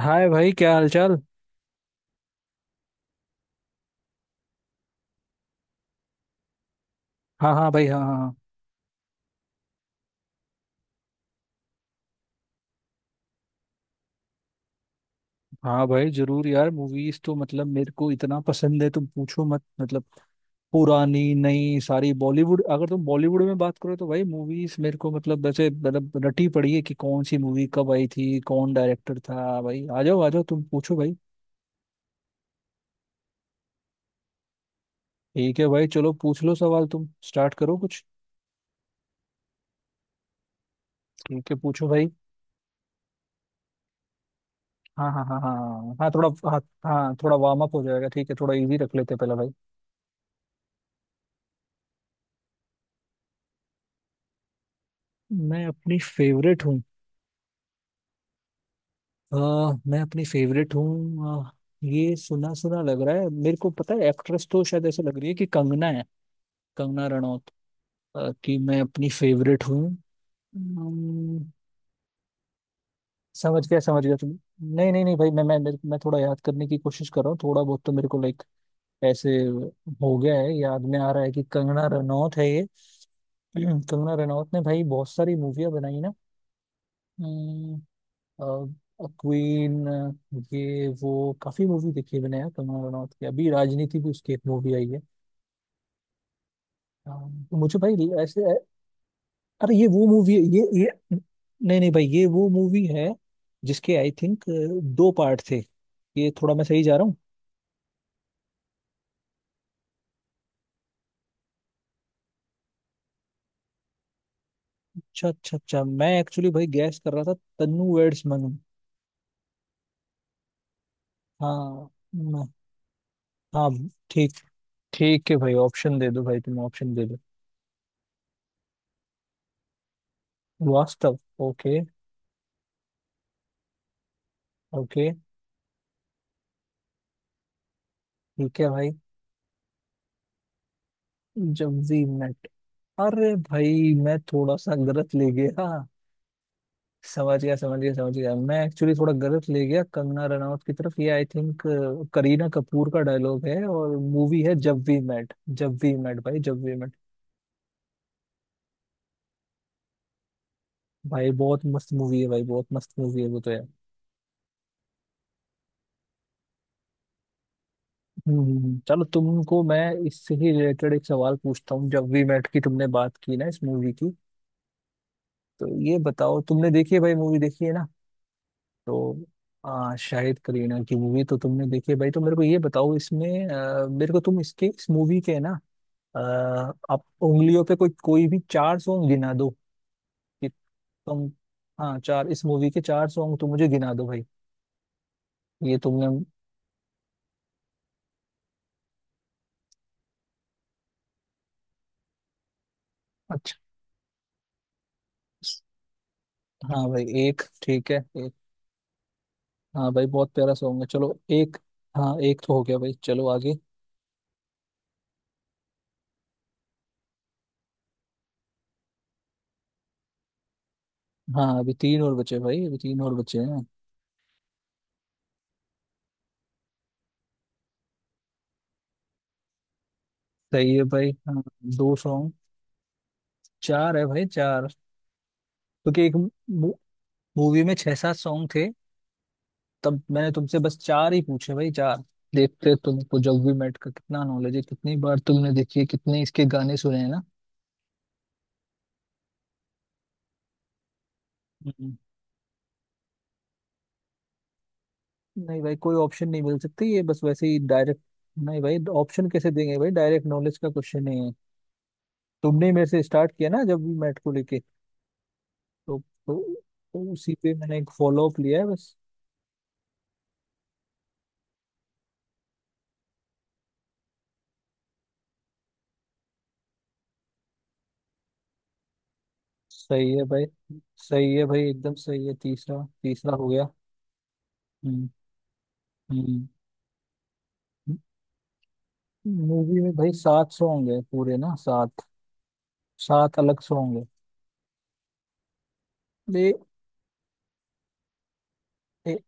हाय भाई, क्या हालचाल। हाँ हाँ भाई, हाँ हाँ हाँ। हाँ भाई जरूर यार, मूवीज तो मतलब मेरे को इतना पसंद है, तुम पूछो मत। मतलब पुरानी नई सारी बॉलीवुड, अगर तुम बॉलीवुड में बात करो तो भाई मूवीज मेरे को मतलब वैसे मतलब रटी पड़ी है कि कौन सी मूवी कब आई थी, कौन डायरेक्टर था। भाई आ जाओ आ जाओ, तुम पूछो भाई। ठीक है भाई, चलो पूछ लो सवाल, तुम स्टार्ट करो कुछ। ठीक है, पूछो भाई। हाँ हाँ हाँ हाँ हाँ हाँ, थोड़ा हाँ। हाँ थोड़ा वार्म अप हो जाएगा, ठीक है थोड़ा इजी रख लेते हैं पहला भाई। मैं अपनी फेवरेट हूँ। अ, मैं अपनी फेवरेट हूँ। ये सुना सुना लग रहा है, मेरे को पता है एक्ट्रेस तो शायद ऐसे लग रही है कि कंगना है, कंगना रनौत। कि मैं अपनी फेवरेट हूँ। अम्म, समझ गया तुम। नहीं नहीं नहीं भाई, मैं थोड़ा याद करने की कोशिश कर रहा हूँ, थोड़ा बहुत तो मेरे को लाइक ऐसे हो गया है, याद में आ रहा है कि कंगना रनौत है ये। कंगना रनौत ने भाई बहुत सारी मूवियाँ बनाई ना। क्वीन, ये वो काफी मूवी देखी है मैंने यार कंगना रनौत की। अभी राजनीति भी उसकी एक मूवी आई है। तो मुझे भाई ऐसे। अरे ये वो मूवी है, ये नहीं नहीं भाई ये वो मूवी है जिसके आई थिंक दो पार्ट थे। ये थोड़ा मैं सही जा रहा हूँ। अच्छा अच्छा अच्छा, मैं एक्चुअली भाई गैस कर रहा था तन्नू वेड्स मनु। हाँ। न- हाँ। ठीक। ठीक है भाई, ऑप्शन दे दो भाई, तुम ऑप्शन दे दो। वास्तव। ओके। ओके। ठीक है भाई। Jab We Met. अरे भाई मैं थोड़ा सा गलत ले गया हाँ। समझ गया समझ गया समझ गया, मैं एक्चुअली थोड़ा गलत ले गया कंगना रनावत की तरफ। ये आई थिंक करीना कपूर का डायलॉग है, और मूवी है Jab We Met, Jab We Met भाई जब वी मेट। भाई बहुत मस्त मूवी है भाई, बहुत मस्त मूवी है वो तो यार। चलो तुमको मैं इससे ही रिलेटेड एक सवाल पूछता हूँ, जब वी मेट की तुमने बात की ना इस मूवी की। तो ये बताओ, तुमने देखी है भाई, मूवी देखी है ना। तो शाहिद करीना की मूवी तो तुमने देखी है भाई, तो मेरे को ये बताओ इसमें मेरे को तुम इसके इस मूवी के ना आ, आप उंगलियों पे कोई कोई भी चार सॉन्ग गिना दो कि तुम। हाँ चार, इस मूवी के चार सॉन्ग तुम मुझे गिना दो भाई, ये तुमने। अच्छा। हाँ भाई, एक ठीक है एक। हाँ भाई बहुत प्यारा सॉन्ग है, चलो एक। हाँ एक तो हो गया भाई, चलो आगे। हाँ अभी तीन और बचे भाई, अभी तीन और बचे हैं। सही है भाई हाँ। दो सॉन्ग। चार है भाई चार, क्योंकि एक मूवी में छह सात सॉन्ग थे, तब मैंने तुमसे बस चार ही पूछे भाई चार। देखते तुमको जब वी मेट का कितना नॉलेज है, कितनी बार तुमने देखी है, कितने इसके गाने सुने हैं ना। हम्म। नहीं भाई, कोई ऑप्शन नहीं मिल सकती, ये बस वैसे ही डायरेक्ट। नहीं भाई, ऑप्शन कैसे देंगे भाई, डायरेक्ट नॉलेज का क्वेश्चन नहीं है। तुमने ही मेरे से स्टार्ट किया ना जब भी मैट को लेके। तो, तो, तो उसी पे मैंने एक फॉलो अप लिया है बस। सही है भाई, सही है भाई, एकदम सही है, तीसरा तीसरा हो गया। हम्म हम्म। मूवी में भाई सात सौ होंगे पूरे ना, सात सात अलग सौ होंगे। ये ये-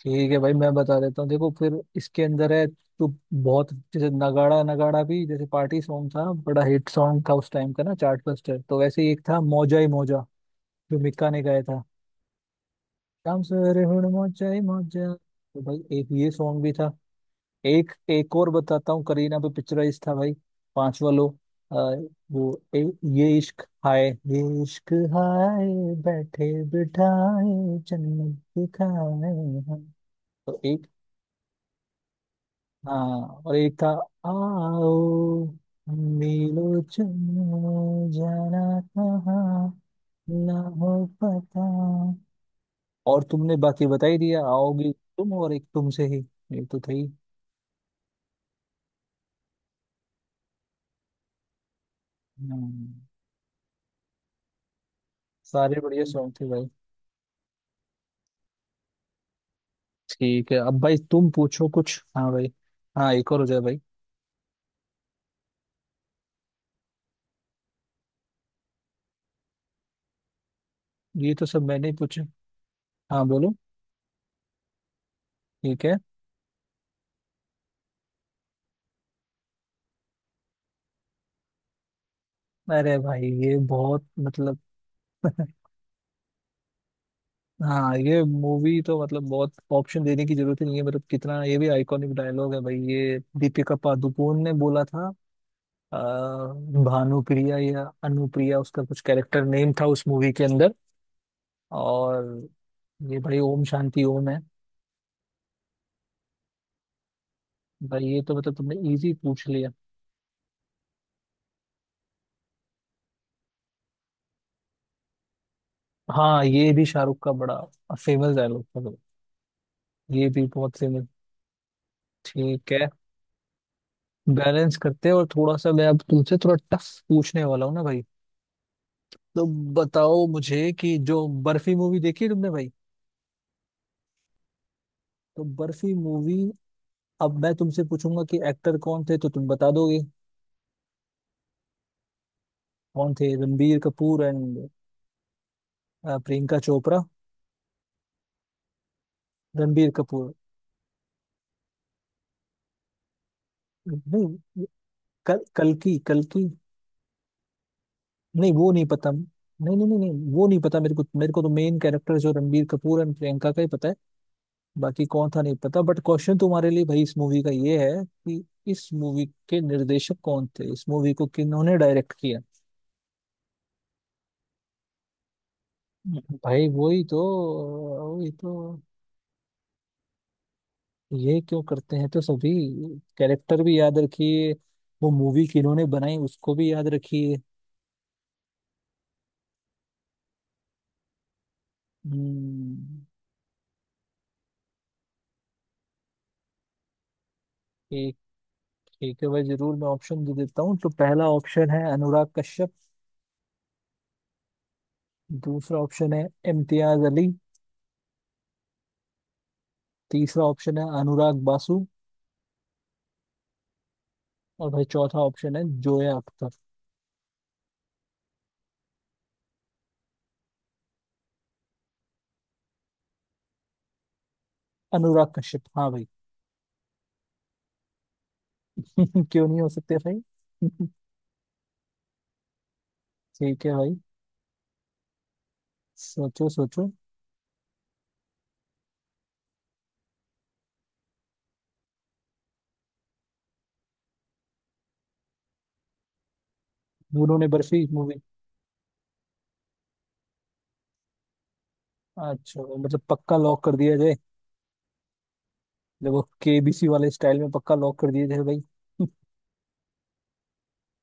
ठीक है भाई, मैं बता देता हूँ, देखो फिर इसके अंदर है तो बहुत। जैसे नगाड़ा नगाड़ा भी जैसे पार्टी सॉन्ग था, बड़ा हिट सॉन्ग था उस टाइम का ना, चार्ट बस्टर। तो वैसे ही एक था मौजा ही मौजा, जो मिक्का ने गाया था। शाम सवेरे हुण मौजा ही मौजा, तो भाई एक ये सॉन्ग भी था। एक एक और बताता हूँ, करीना पे पिक्चराइज था भाई, पांचवा लो। अ, वो ये इश्क हाय, ये इश्क हाय, बैठे बिठाए जन्नत दिखाए। हम। तो एक। हाँ और एक था, आओ, हम मिलो चलो जाना कहाँ ना हो पता। और तुमने बाकी बता ही दिया आओगी तुम, और एक तुमसे ही, ये तो थे ही। हम्म, सारे बढ़िया सॉन्ग थे भाई। ठीक है अब भाई, तुम पूछो कुछ, हाँ भाई। हाँ एक और हो जाए भाई, ये तो सब मैंने ही पूछे। हाँ बोलो। ठीक है। अरे भाई ये बहुत मतलब हाँ ये मूवी तो मतलब बहुत ऑप्शन देने की जरूरत ही नहीं है, मतलब कितना, ये भी आइकॉनिक डायलॉग है भाई, ये दीपिका पादुकोण ने बोला था। अ, भानुप्रिया या अनुप्रिया, उसका कुछ कैरेक्टर नेम था उस मूवी के अंदर, और ये भाई ओम शांति ओम है। भाई ये तो मतलब तुमने इजी पूछ लिया। हाँ ये भी शाहरुख का बड़ा फेमस डायलॉग था, ये भी बहुत फेमस। ठीक है, बैलेंस करते हैं, और थोड़ा सा मैं अब तुमसे थोड़ा टफ पूछने वाला हूँ ना भाई। तो बताओ मुझे कि जो बर्फी मूवी देखी है तुमने भाई, तो बर्फी मूवी, अब मैं तुमसे पूछूंगा कि एक्टर कौन थे तो तुम बता दोगे कौन थे, रणबीर कपूर एंड प्रियंका चोपड़ा, रणबीर कपूर। नहीं कल, कल्कि कल्कि नहीं, वो नहीं पता, नहीं नहीं नहीं नहीं वो नहीं पता मेरे को, मेरे को तो मेन कैरेक्टर जो रणबीर कपूर एंड प्रियंका का ही पता है, बाकी कौन था नहीं पता। बट क्वेश्चन तुम्हारे लिए भाई इस मूवी का ये है कि इस मूवी के निर्देशक कौन थे, इस मूवी को किन्होंने डायरेक्ट किया। भाई वही तो, वही तो, ये क्यों करते हैं तो सभी, कैरेक्टर भी याद रखिए, वो मूवी किन्होंने बनाई उसको भी याद रखिए। हम्म, एक ठीक है भाई, जरूर मैं ऑप्शन दे देता हूँ। तो पहला ऑप्शन है अनुराग कश्यप, दूसरा ऑप्शन है इम्तियाज अली, तीसरा ऑप्शन है अनुराग बासु, और भाई चौथा ऑप्शन है जोया अख्तर। अनुराग कश्यप हाँ भाई। क्यों नहीं हो सकते भाई। ठीक है भाई, सोचो सोचो, भूनों ने बर्फी मूवी। अच्छा भाई, मतलब पक्का लॉक कर दिया जाए, जब वो केबीसी वाले स्टाइल में पक्का लॉक कर दिया जाए भाई।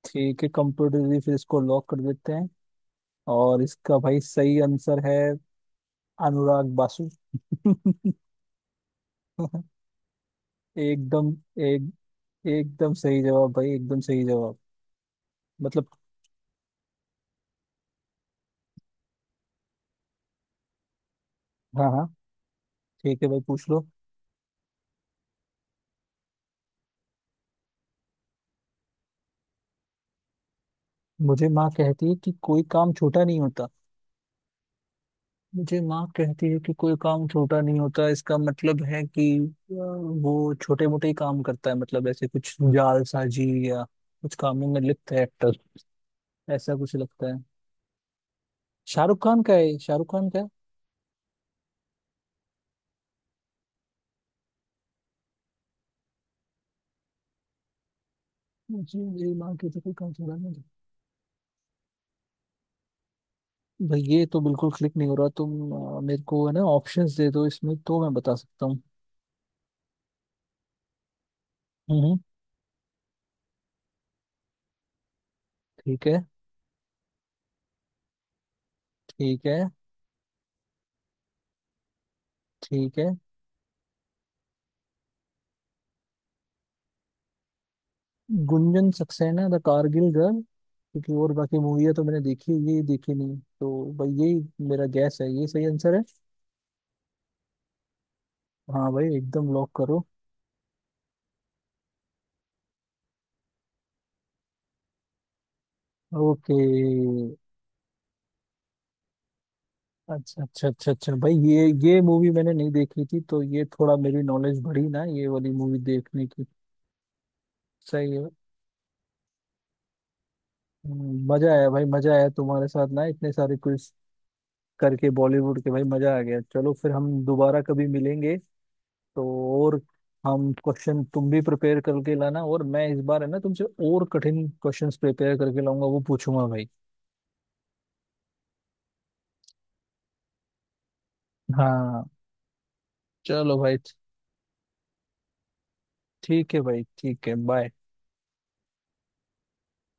ठीक है कंप्यूटर, फिर इसको लॉक कर देते हैं, और इसका भाई सही आंसर है अनुराग बासु। एकदम, एक एकदम सही जवाब भाई, एकदम सही जवाब, मतलब। हाँ हाँ ठीक है भाई, पूछ लो। मुझे माँ कहती है कि कोई काम छोटा नहीं होता। मुझे माँ कहती है कि कोई काम छोटा नहीं होता, इसका मतलब है कि वो छोटे मोटे ही काम करता है, मतलब ऐसे कुछ जाल साजी या कुछ कामों में लिप्त है एक्टर, ऐसा कुछ लगता है। शाहरुख खान का है ये? शाहरुख खान का है। मुझे मेरी माँ कहती है कोई काम छोटा नहीं होता। भाई ये तो बिल्कुल क्लिक नहीं हो रहा तुम, मेरे को है ना ऑप्शंस दे दो इसमें तो मैं बता सकता हूँ। हम्म हम्म, ठीक है। ठीक है। ठीक है। गुंजन सक्सेना द कारगिल गर्ल, क्योंकि और बाकी मूवियाँ तो मैंने देखी है, ये देखी नहीं, तो भाई यही मेरा गैस है, ये सही आंसर है। हाँ भाई एकदम लॉक करो। ओके। अच्छा अच्छा अच्छा अच्छा भाई, ये मूवी मैंने नहीं देखी थी तो ये थोड़ा मेरी नॉलेज बढ़ी ना ये वाली मूवी देखने की। सही है। मजा आया भाई, मजा आया तुम्हारे साथ ना, इतने सारे क्विज करके बॉलीवुड के, भाई मजा आ गया। चलो फिर हम दोबारा कभी मिलेंगे, तो और हम क्वेश्चन तुम भी प्रिपेयर करके लाना, और मैं इस बार है ना तुमसे और कठिन क्वेश्चंस प्रिपेयर करके लाऊंगा, वो पूछूंगा भाई। हाँ चलो भाई। ठीक है भाई, ठीक है, बाय।